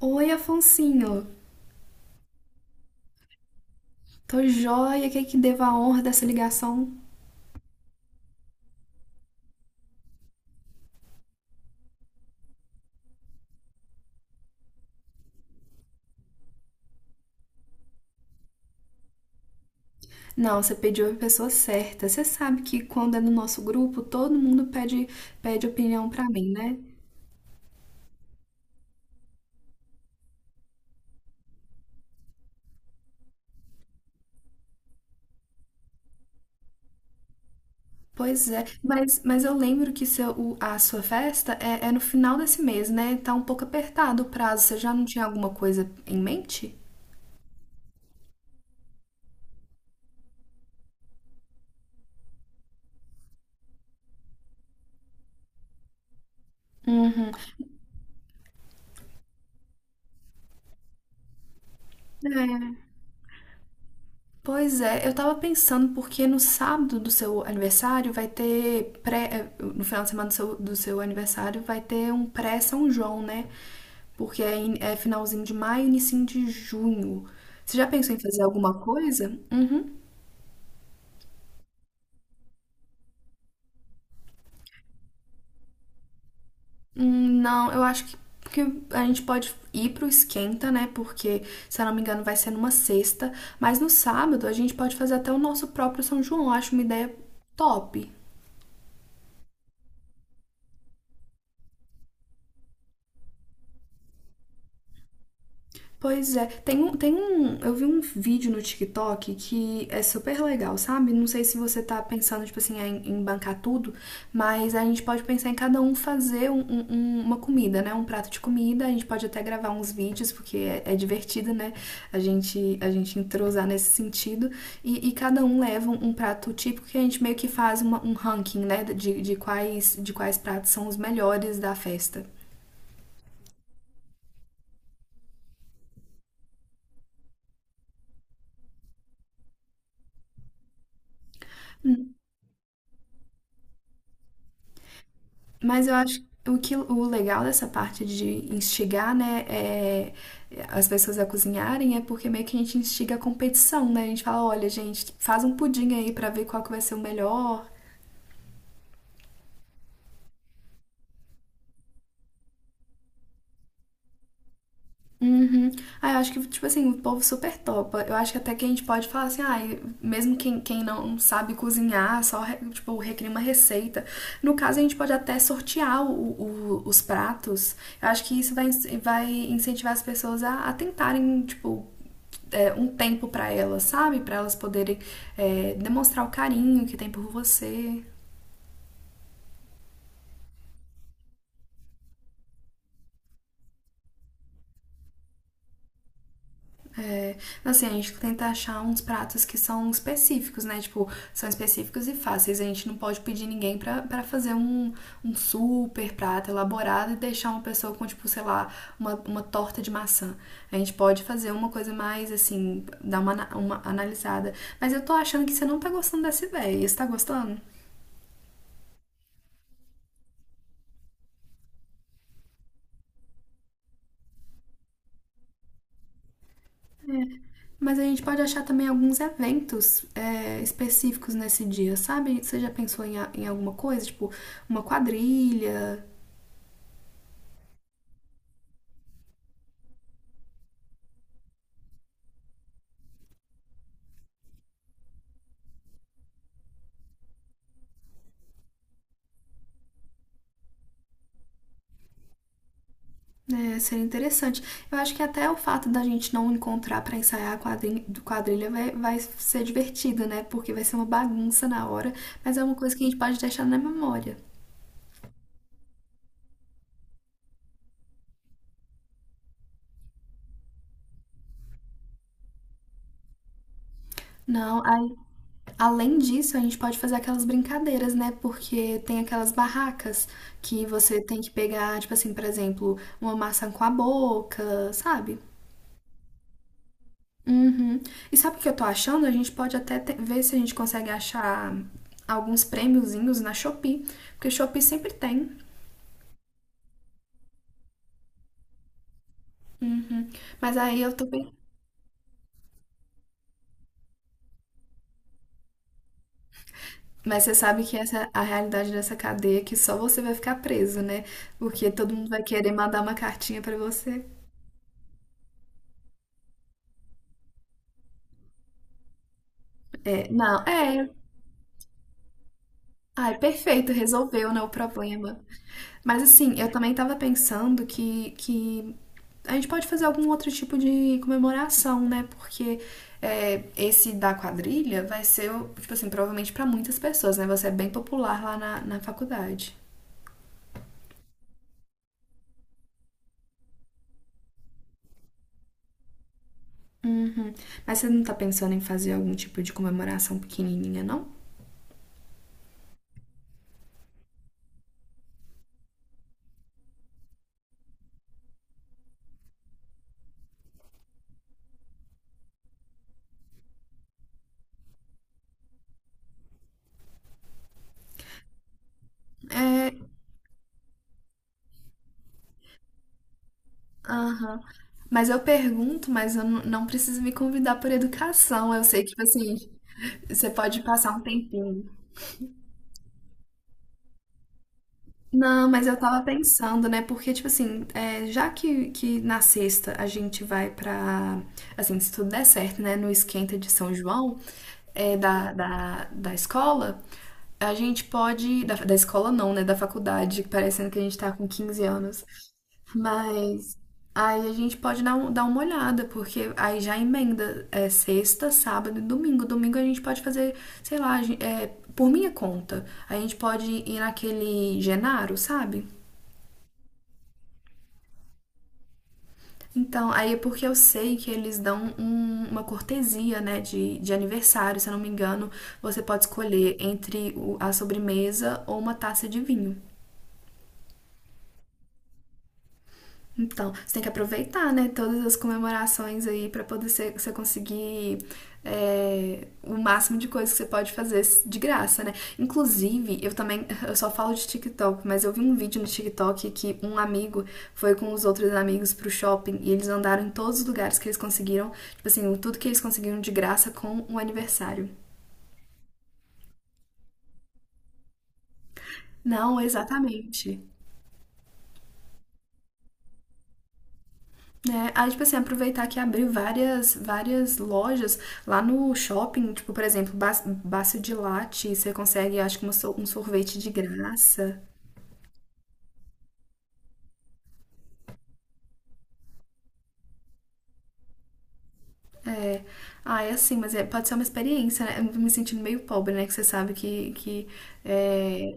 Oi, Afonsinho. Tô joia, que devo a honra dessa ligação? Não, você pediu a pessoa certa. Você sabe que quando é no nosso grupo, todo mundo pede opinião pra mim, né? Pois é, mas eu lembro que a sua festa é no final desse mês, né? Tá um pouco apertado o prazo. Você já não tinha alguma coisa em mente? Uhum. Pois é, eu tava pensando porque no sábado do seu aniversário vai ter no final de semana do seu aniversário vai ter um pré São João, né? Porque é finalzinho de maio, inicinho de junho. Você já pensou em fazer alguma coisa? Uhum. Hum. Não, eu acho que a gente pode ir pro esquenta, né? Porque, se eu não me engano, vai ser numa sexta. Mas no sábado a gente pode fazer até o nosso próprio São João. Eu acho uma ideia top. Pois é, eu vi um vídeo no TikTok que é super legal, sabe? Não sei se você tá pensando, tipo assim, em bancar tudo, mas a gente pode pensar em cada um fazer uma comida, né? Um prato de comida, a gente pode até gravar uns vídeos, porque é divertido, né? A gente entrosar nesse sentido, e cada um leva um prato típico que a gente meio que faz um ranking, né? De quais pratos são os melhores da festa. Mas eu acho que o legal dessa parte de instigar, né, as pessoas a cozinharem é porque meio que a gente instiga a competição, né? A gente fala, olha, gente, faz um pudim aí pra ver qual que vai ser o melhor. Uhum. Ah, eu acho que, tipo assim, o povo super topa. Eu acho que até que a gente pode falar assim, ah, mesmo quem não sabe cozinhar, tipo, recria uma receita. No caso, a gente pode até sortear os pratos. Eu acho que isso vai incentivar as pessoas a tentarem, tipo, um tempo para elas, sabe? Para elas poderem demonstrar o carinho que tem por você. É, assim, a gente tenta achar uns pratos que são específicos, né? Tipo, são específicos e fáceis. A gente não pode pedir ninguém para fazer um super prato elaborado e deixar uma pessoa com, tipo, sei lá, uma torta de maçã. A gente pode fazer uma coisa mais, assim, dar uma analisada. Mas eu tô achando que você não tá gostando dessa ideia. Você tá gostando? Mas a gente pode achar também alguns eventos específicos nesse dia, sabe? Você já pensou em alguma coisa, tipo uma quadrilha? Né? Seria interessante. Eu acho que até o fato da gente não encontrar pra ensaiar a quadrilha vai ser divertido, né? Porque vai ser uma bagunça na hora, mas é uma coisa que a gente pode deixar na memória. Não, aí Além disso, a gente pode fazer aquelas brincadeiras, né? Porque tem aquelas barracas que você tem que pegar, tipo assim, por exemplo, uma maçã com a boca, sabe? Uhum. E sabe o que eu tô achando? A gente pode até ver se a gente consegue achar alguns prêmiozinhos na Shopee, porque Shopee sempre tem. Uhum. Mas aí eu tô bem. Mas você sabe que essa é a realidade dessa cadeia, é que só você vai ficar preso, né? Porque todo mundo vai querer mandar uma cartinha pra você. É, não, é, Ai, perfeito, resolveu, né, o problema. Mas assim, eu também tava pensando que a gente pode fazer algum outro tipo de comemoração, né? Porque esse da quadrilha vai ser, tipo assim, provavelmente pra muitas pessoas, né? Você é bem popular lá na faculdade. Uhum. Mas você não tá pensando em fazer algum tipo de comemoração pequenininha, não? Aham. Mas eu pergunto, mas eu não preciso me convidar por educação. Eu sei que, tipo assim, você pode passar um tempinho. Não, mas eu tava pensando, né? Porque, tipo assim, já que na sexta a gente vai pra. Assim, se tudo der certo, né? No esquenta de São João, da escola, a gente pode. Da escola não, né? Da faculdade, parecendo que a gente tá com 15 anos. Mas aí a gente pode dar, dar uma olhada, porque aí já emenda sexta, sábado e domingo. Domingo a gente pode fazer, sei lá, por minha conta. A gente pode ir naquele Genaro, sabe? Então, aí é porque eu sei que eles dão uma cortesia, né, de aniversário, se eu não me engano, você pode escolher entre a sobremesa ou uma taça de vinho. Então, você tem que aproveitar, né, todas as comemorações aí para poder ser você conseguir o máximo de coisas que você pode fazer de graça, né? Inclusive, eu também, eu só falo de TikTok, mas eu vi um vídeo no TikTok que um amigo foi com os outros amigos pro shopping e eles andaram em todos os lugares que eles conseguiram, tipo assim, tudo que eles conseguiram de graça com o aniversário. Não, exatamente. É, aí, tipo assim, aproveitar que abriu várias lojas lá no shopping, tipo, por exemplo, Bacio de Latte, você consegue, acho que um sorvete de graça. É. Ah, é assim, mas pode ser uma experiência, né? Eu me sentindo meio pobre, né? Que você sabe que é,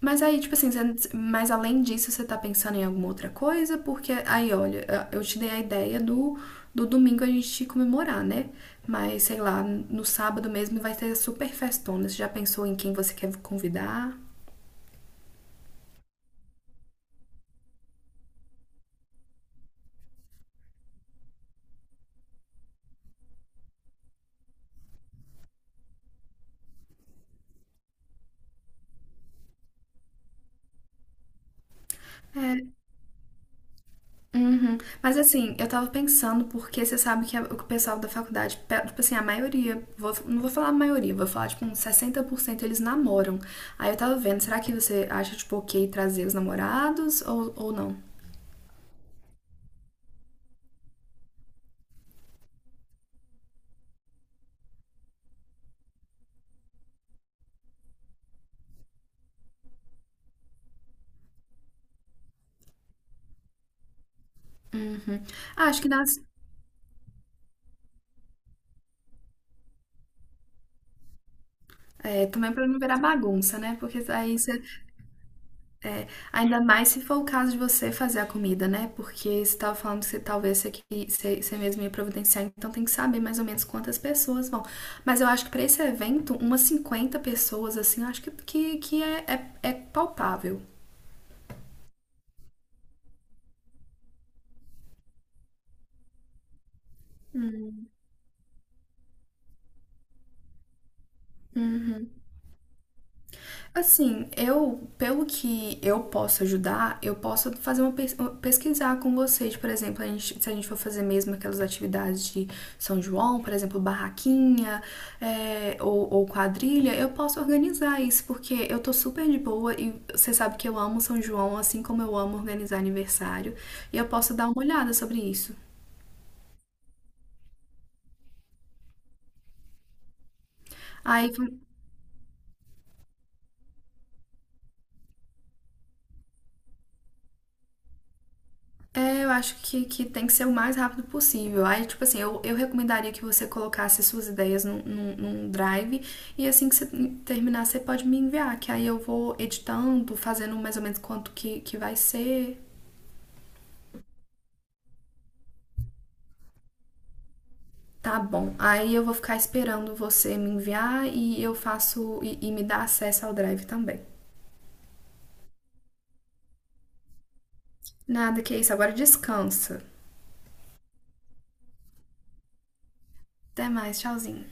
Mas aí, tipo assim, mas além disso, você tá pensando em alguma outra coisa? Porque aí, olha, eu te dei a ideia do domingo a gente comemorar, né? Mas sei lá, no sábado mesmo vai ter super festona. Você já pensou em quem você quer convidar? É, uhum. Mas assim, eu tava pensando, porque você sabe que o pessoal da faculdade, tipo assim, a maioria, não vou falar a maioria, vou falar tipo uns 60% eles namoram. Aí eu tava vendo, será que você acha, tipo, ok trazer os namorados ou não? Ah, acho que nas, é, também para não virar bagunça, né? Porque aí você, ainda mais se for o caso de você fazer a comida, né? Porque você estava falando que você, talvez você, você mesmo ia providenciar, então tem que saber mais ou menos quantas pessoas vão. Mas eu acho que para esse evento, umas 50 pessoas, assim, eu acho que é palpável. Assim, eu, pelo que eu posso ajudar, eu posso fazer pesquisar com vocês, por exemplo, se a gente for fazer mesmo aquelas atividades de São João, por exemplo, barraquinha, ou quadrilha, eu posso organizar isso, porque eu tô super de boa e você sabe que eu amo São João, assim como eu amo organizar aniversário, e eu posso dar uma olhada sobre isso. Aí. É, eu acho que tem que ser o mais rápido possível. Aí, tipo assim, eu recomendaria que você colocasse suas ideias num drive e assim que você terminar, você pode me enviar, que aí eu vou editando, fazendo mais ou menos quanto que vai ser. Tá bom. Aí eu vou ficar esperando você me enviar e eu faço e me dá acesso ao drive também. Nada que é isso, agora descansa. Até mais, tchauzinho.